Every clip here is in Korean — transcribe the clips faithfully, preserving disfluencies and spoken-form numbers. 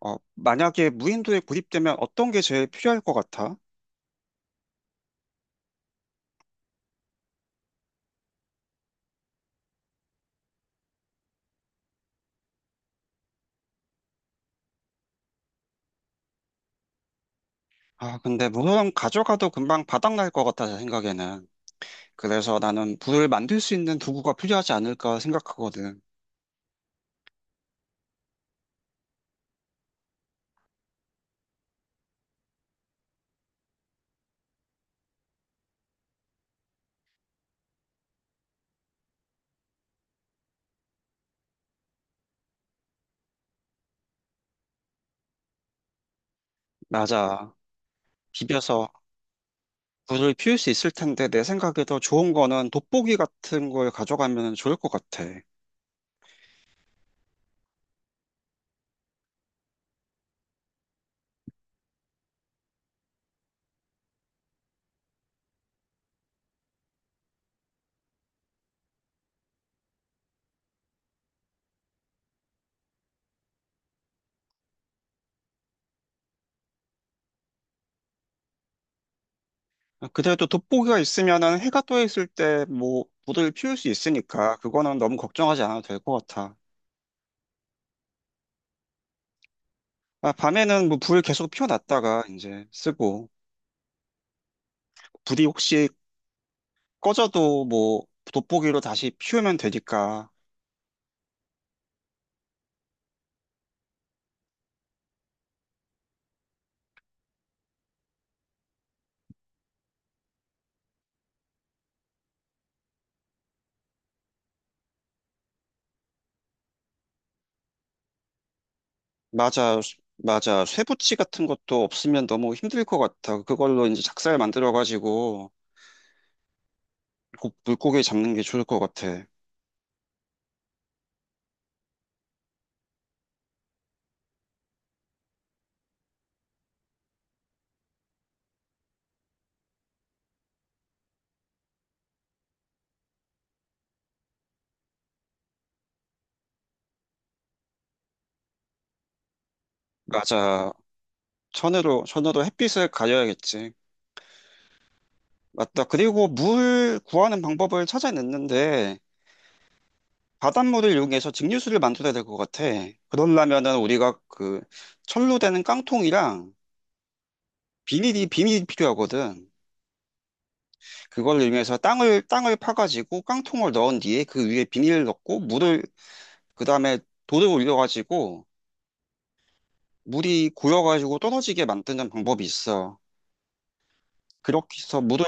어, 만약에 무인도에 구입되면 어떤 게 제일 필요할 것 같아? 아, 근데 물론 가져가도 금방 바닥날 것 같아, 내 생각에는. 그래서 나는 불을 만들 수 있는 도구가 필요하지 않을까 생각하거든. 맞아. 비벼서 불을 피울 수 있을 텐데 내 생각에 더 좋은 거는 돋보기 같은 걸 가져가면 좋을 것 같아. 그래도 돋보기가 있으면은 해가 떠 있을 때 뭐 불을 피울 수 있으니까 그거는 너무 걱정하지 않아도 될 것 같아. 아, 밤에는 뭐 불 계속 피워놨다가 이제 쓰고. 불이 혹시 꺼져도 뭐 돋보기로 다시 피우면 되니까. 맞아, 맞아. 쇠붙이 같은 것도 없으면 너무 힘들 것 같아. 그걸로 이제 작살 만들어가지고 곧 물고기 잡는 게 좋을 것 같아. 맞아. 천으로, 천으로 햇빛을 가려야겠지. 맞다. 그리고 물 구하는 방법을 찾아냈는데 바닷물을 이용해서 증류수를 만들어야 될 것 같아. 그러려면은 우리가 그 철로 되는 깡통이랑 비닐이, 비닐이 필요하거든. 그걸 이용해서 땅을 땅을 파가지고 깡통을 넣은 뒤에 그 위에 비닐을 넣고 물을 그 다음에 돌을 올려가지고 물이 고여가지고 떨어지게 만드는 방법이 있어. 그렇게 해서 물을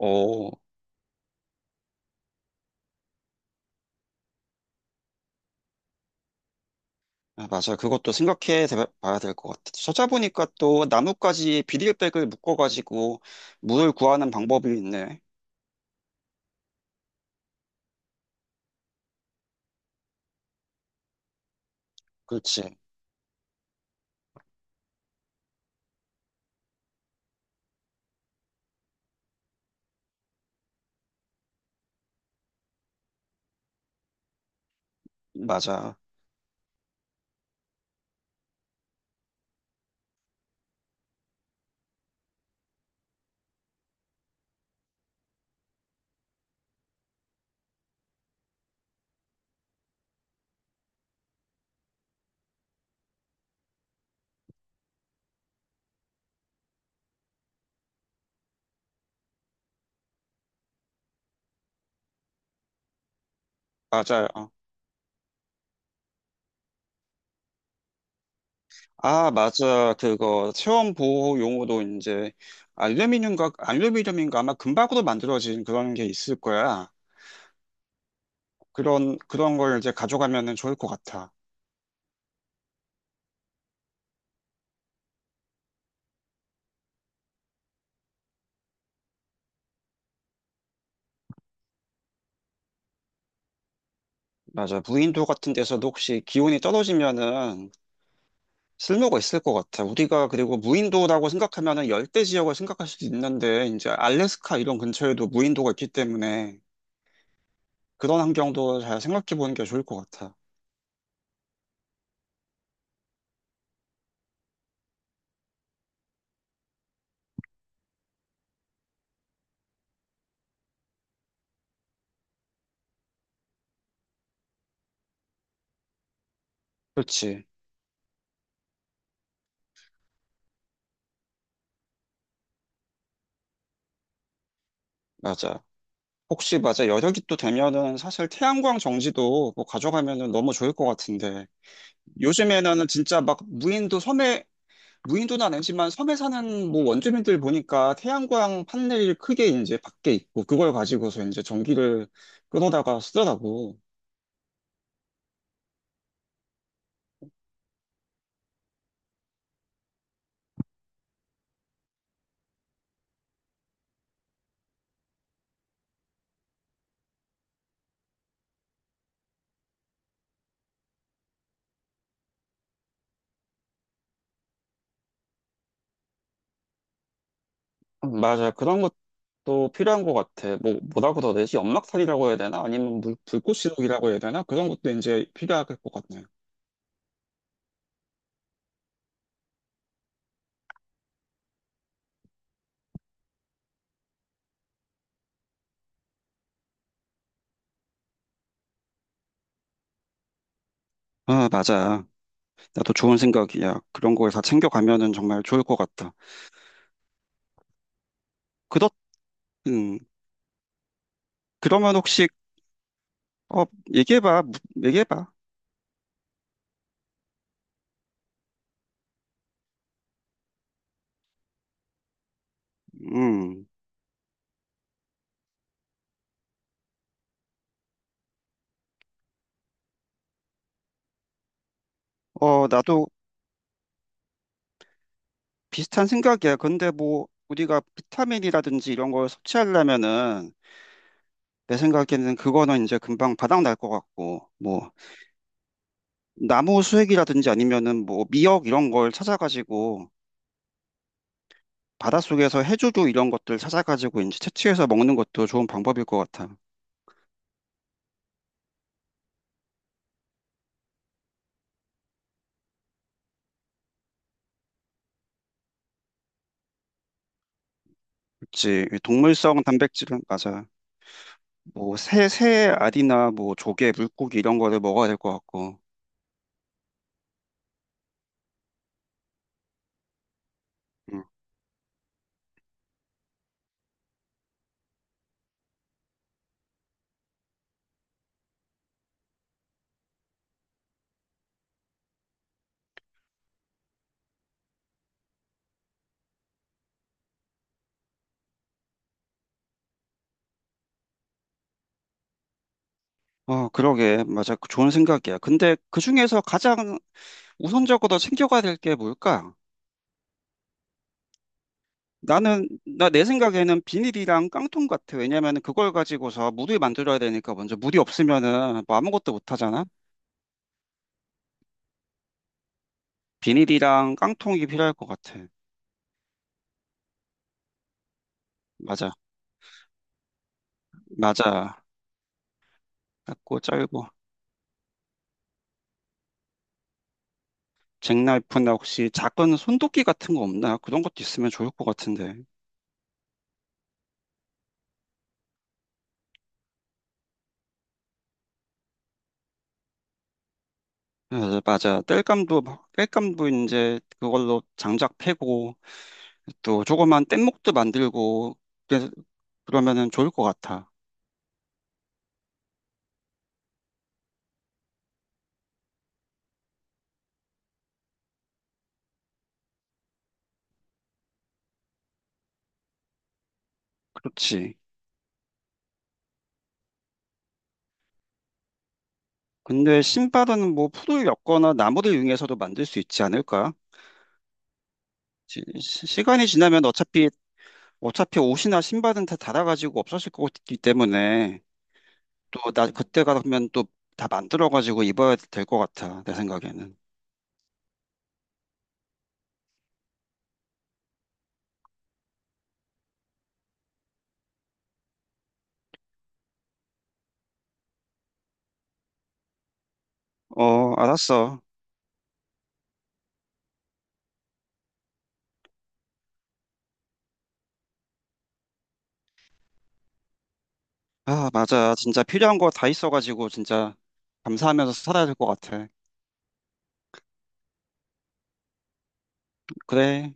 어 아, 맞아 그것도 생각해 대- 봐야 될 것 같아. 찾아보니까 또 나뭇가지에 비닐백을 묶어가지고 물을 구하는 방법이 있네. 그렇지. 맞아, 맞아. 아, 맞아. 그거 체온 보호 용어도 이제 알루미늄과 알루미늄인가 아마 금박으로 만들어진 그런 게 있을 거야. 그런 그런 걸 이제 가져가면은 좋을 것 같아. 맞아. 무인도 같은 데서도 혹시 기온이 떨어지면은 쓸모가 있을 것 같아. 우리가 그리고 무인도라고 생각하면은 열대 지역을 생각할 수도 있는데 이제 알래스카 이런 근처에도 무인도가 있기 때문에 그런 환경도 잘 생각해 보는 게 좋을 것 같아. 그렇지. 맞아. 혹시 맞아 여력이 또 되면은 사실 태양광 정지도 뭐 가져가면은 너무 좋을 것 같은데 요즘에는 진짜 막 무인도 섬에 무인도는 아니지만 섬에 사는 뭐 원주민들 보니까 태양광 판넬이 크게 이제 밖에 있고 그걸 가지고서 이제 전기를 끊어다가 쓰더라고. 음, 맞아 그런 것도 필요한 것 같아. 뭐 뭐라고 더 되지? 연막살이라고 해야 되나? 아니면 물, 불꽃시럽이라고 해야 되나? 그런 것도 이제 필요할 것 같네. 아, 맞아. 나도 좋은 생각이야. 그런 걸 다 챙겨가면은 정말 좋을 것 같다. 그렇, 음, 그러면 혹시, 어, 얘기해봐, 무- 얘기해봐. 음, 어, 나도 비슷한 생각이야. 근데 뭐, 우리가 비타민이라든지 이런 걸 섭취하려면은, 내 생각에는 그거는 이제 금방 바닥날 것 같고, 뭐, 나무 수액이라든지 아니면은 뭐, 미역 이런 걸 찾아가지고, 바닷속에서 해조류 이런 것들 찾아가지고 이제 채취해서 먹는 것도 좋은 방법일 것 같아. 그치. 동물성 단백질은, 맞아. 뭐, 새, 새 알이나 뭐, 조개, 물고기 이런 거를 먹어야 될 것 같고. 음. 어, 그러게. 맞아. 그 좋은 생각이야. 근데 그 중에서 가장 우선적으로 챙겨가야 될 게 뭘까? 나는, 나 내 생각에는 비닐이랑 깡통 같아. 왜냐면 그걸 가지고서 물을 만들어야 되니까 먼저 물이 없으면은 뭐 아무것도 못 하잖아? 비닐이랑 깡통이 필요할 것 같아. 맞아. 맞아. 작고 짧고. 잭나이프나 혹시 작은 손도끼 같은 거 없나? 그런 것도 있으면 좋을 것 같은데. 맞아, 맞아. 뗄감도, 막- 뗄감도 이제 그걸로 장작 패고 또 조그만 뗏목도 만들고 그래서 그러면은 좋을 것 같아. 그렇지. 근데 신발은 뭐 풀을 엮거나 나무를 이용해서도 만들 수 있지 않을까? 시, 시- 시간이 지나면 어차피 어차피 옷이나 신발은 다 닳아가지고 없어질 것 같기 때문에 또 나 그때 가면 또 다 만들어가지고 입어야 될 것 같아 내 생각에는. 어 알았어. 아 맞아 진짜 필요한 거 다 있어가지고 진짜 감사하면서 살아야 될 것 같아. 그래.